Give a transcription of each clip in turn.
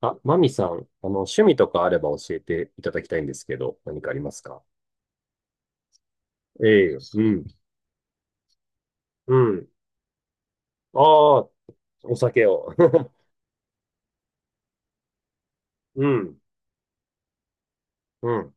あ、マミさん、趣味とかあれば教えていただきたいんですけど、何かありますか？ええ、うん、うん。ああ、お酒を。うん、うん。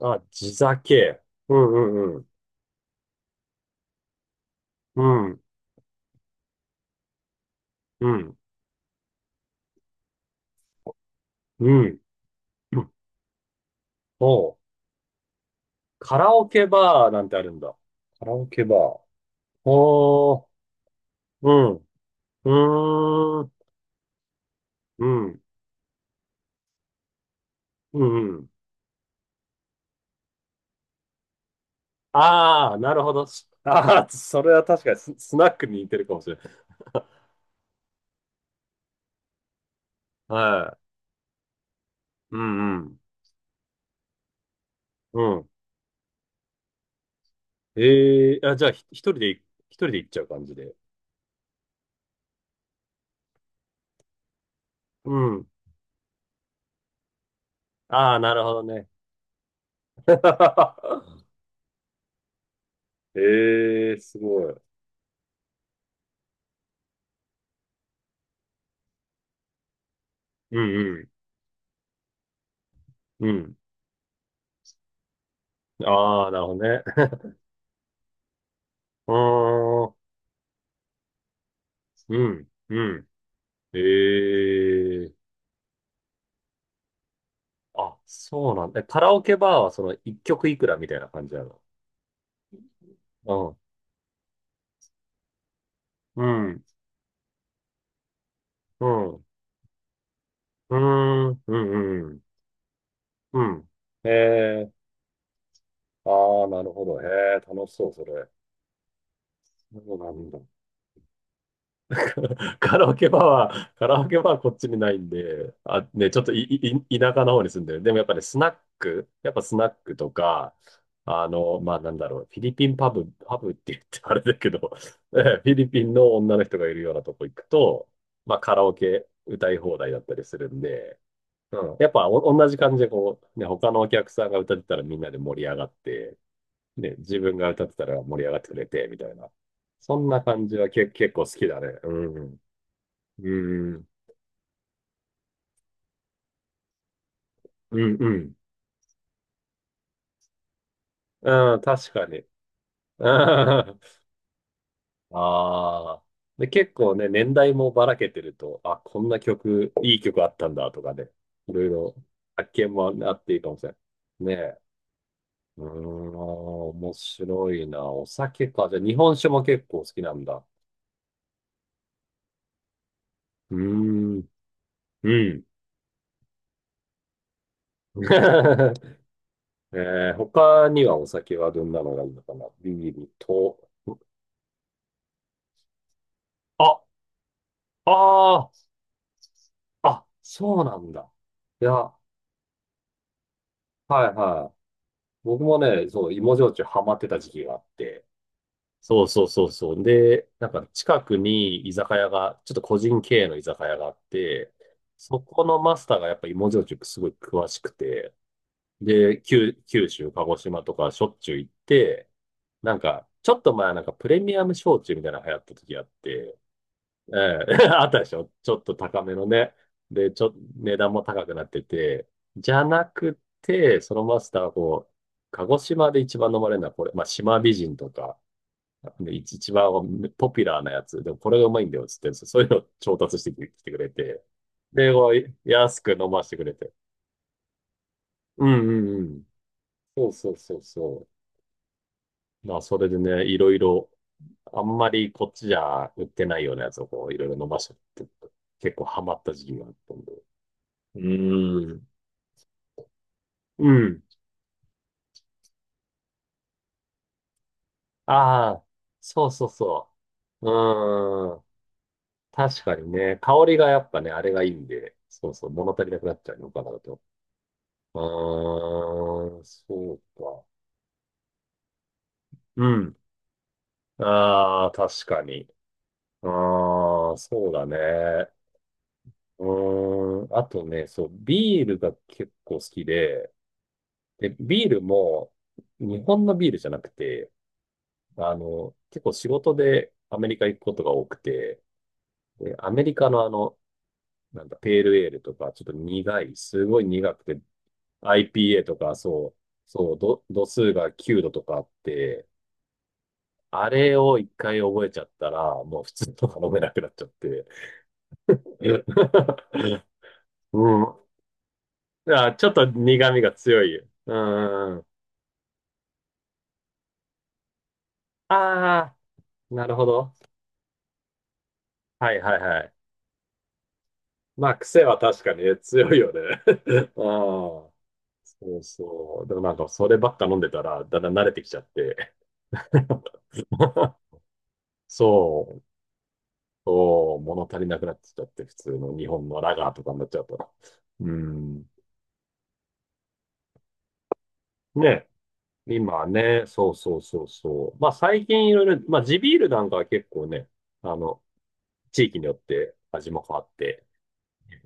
あ、地酒。うん、うん、うん。うん、うん、うん。うん、おう、カラオケバーなんてあるんだ。カラオケバー。おー、うん、うーん、うん、うん。うん、ああ、なるほど。ああ、それは確かにスナックに似てるかもしれない。はい。うん、うん。ええ、あ、じゃあ、一人で、一人で行っちゃう感じで。うん。ああ、なるほどね。ええ、すごい。うんうん。うん。ああ、なるほどね。うーん。うん。うん。ええ、あ、そうなんだ。えカラオケバーはその一曲いくらみたいな感じなの？うん。うん。うん。うーん。うん。うん。うん。ええ、ああー、なるほど。へえ、楽しそう、それ。そうなんだ。カラオケバーは、カラオケバーはこっちにないんで、あ、ね、ちょっとい田舎の方に住んでる。でもやっぱりスナック、やっぱスナックとか、あの、まあなんだろう、フィリピンパブ、パブって言ってあれだけど、えフィリピンの女の人がいるようなとこ行くと、まあカラオケ歌い放題だったりするんで、うん、やっぱお同じ感じでこう、ね、他のお客さんが歌ってたらみんなで盛り上がって、ね、自分が歌ってたら盛り上がってくれて、みたいな。そんな感じは結構好きだね。うん。うん、うん、うん。うん、確かに。うん、ああ。で、結構ね、年代もばらけてると、あ、こんな曲、いい曲あったんだとかね、いろいろ発見もあっていいかもしれない。ねえ。うーん、面白いな。お酒か。じゃあ、日本酒も結構好きなんだ。うーん、うん。えー、他にはお酒はどんなのがいいのかな、ビールと、あ、ああ、あ、そうなんだ。いや、はいはい。僕もね、そう、芋焼酎ハマってた時期があって。そうそうそうそう。で、なんか近くに居酒屋が、ちょっと個人経営の居酒屋があって、そこのマスターがやっぱ芋焼酎すごい詳しくて、で、九州、鹿児島とかしょっちゅう行って、なんか、ちょっと前なんかプレミアム焼酎みたいなの流行った時あって、ええ あったでしょ、ちょっと高めのね。で、値段も高くなってて。じゃなくて、そのマスターはこう、鹿児島で一番飲まれるのはこれ、まあ、島美人とか、一番ポピュラーなやつ。でもこれがうまいんだよ、つって、そういうのを調達してきてくれて。で、こう安く飲ませてくれて。うんうんうん。そうそうそうそう。まあ、それでね、いろいろ、あんまりこっちじゃ売ってないようなやつをこう、いろいろ飲ませてって、結構ハマった時期があったんで。うーん。うん。ああ、そうそうそう。うーん。確かにね、香りがやっぱね、あれがいいんで、そうそう、物足りなくなっちゃうのかなと。うーん、そうか。うん。ああ、確かに。ああ、そうだね。うーん。あとね、そう、ビールが結構好きで、で、ビールも、日本のビールじゃなくて、あの、結構仕事でアメリカ行くことが多くて、で、アメリカのあの、なんだ、ペールエールとか、ちょっと苦い、すごい苦くて、IPA とか、そう、そう、度数が9度とかあって、あれを一回覚えちゃったら、もう普通とか飲めなくなっちゃって。うん。あ、ちょっと苦味が強い。うん。ああー、なるほど。はいはいはい。まあ、癖は確かにね、強いよね。ああ、そうそう。でもなんか、そればっか飲んでたら、だんだん慣れてきちゃって。そう、そう、物足りなくなってきちゃって、普通の日本のラガーとかになっちゃうと。うん。ね、今ね、そうそうそうそう。まあ最近いろいろ、まあ地ビールなんかは結構ね、あの、地域によって味も変わって、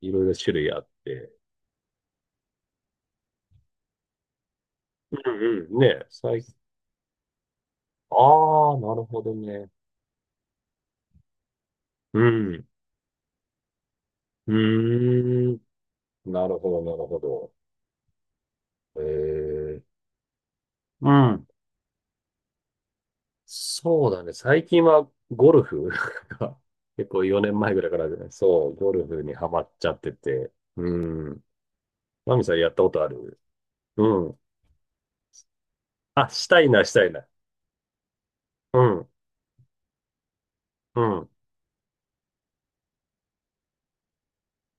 いろいろ種類あって。うんうん、ね、最近、ああ、なるほどね。うん、うーん、なるほど、なるほど。ええ、うん。そうだね。最近はゴルフが 結構4年前ぐらいからね、そう、ゴルフにハマっちゃってて。うん。マミさん、やったことある？うん。あ、したいな、したいな。うん、うん、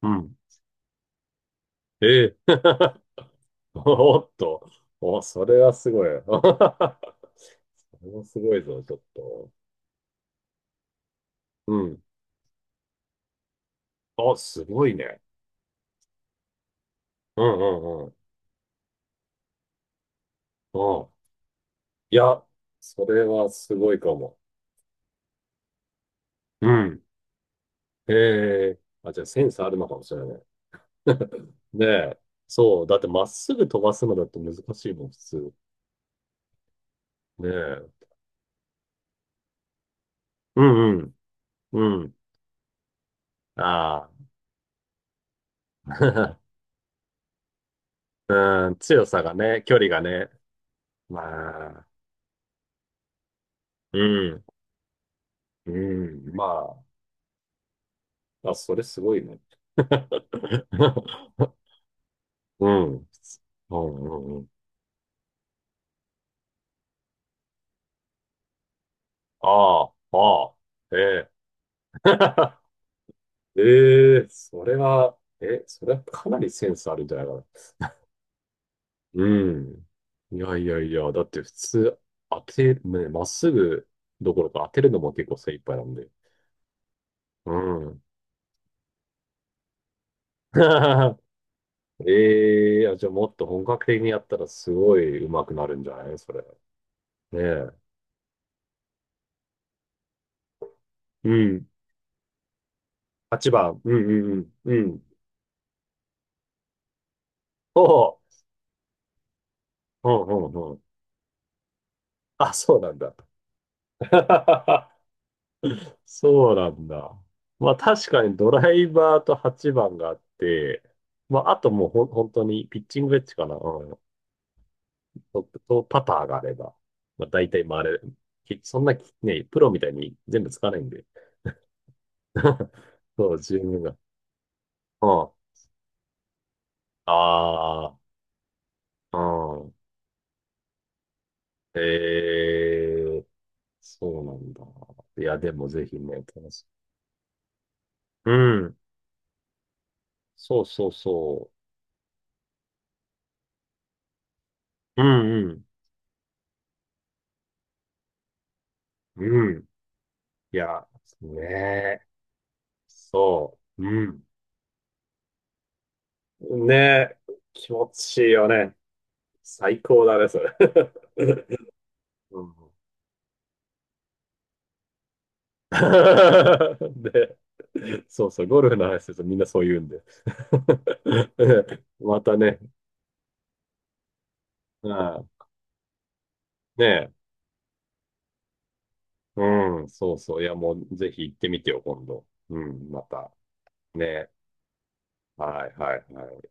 うん。ええ おっと。お、それはすごい。それはすごいぞ、ちょっと。うん。あ、すごいね。うんうんうん。うん。いや、それはすごいかも。うん。ええ、あ、じゃあセンスあるのかもしれない。ねえ。そう。だってまっすぐ飛ばすのだって難しいもん、普通。ねえ。うんうん。うん。ああ。うん。強さがね、距離がね。まあ。うん。うん。まあ。あ、それすごいね。うん。うんうんうん。ああ。ああ。ええ。ええ、それはかなりセンスあるんじゃないか？うん。いやいやいや、だって普通当て、ね、まっすぐどころか当てるのも結構精一杯なんで。うん。ええー、あ、じゃあもっと本格的にやったらすごい上手くなるんじゃない、それ。ねえ。うん。8番。うんうんうん。うん。おう。うんうんうん。あ、そうなんだ。そうなんだ。まあ確かにドライバーと8番があって、まああともうほん、本当にピッチングウェッジかな。うんトップとパターがあれば、まあ、大体回れる。きそんなき、ね、プロみたいに全部使わないんで。そう、十分が。うん。ああ、うん。ええ、そうなんだ。いや、でもぜひね、楽しい。うん。そうそうそう。うんうん。うん。いや、ねえ。そう。うん。ねえ。気持ちいいよね。最高だね、それ。うん で、そうそう、ゴルフの話するとみんなそう言うんで。またね、ああ、ねえ、うん、そうそう、いや、もうぜひ行ってみてよ、今度。うん、また。ね、はいはいはい。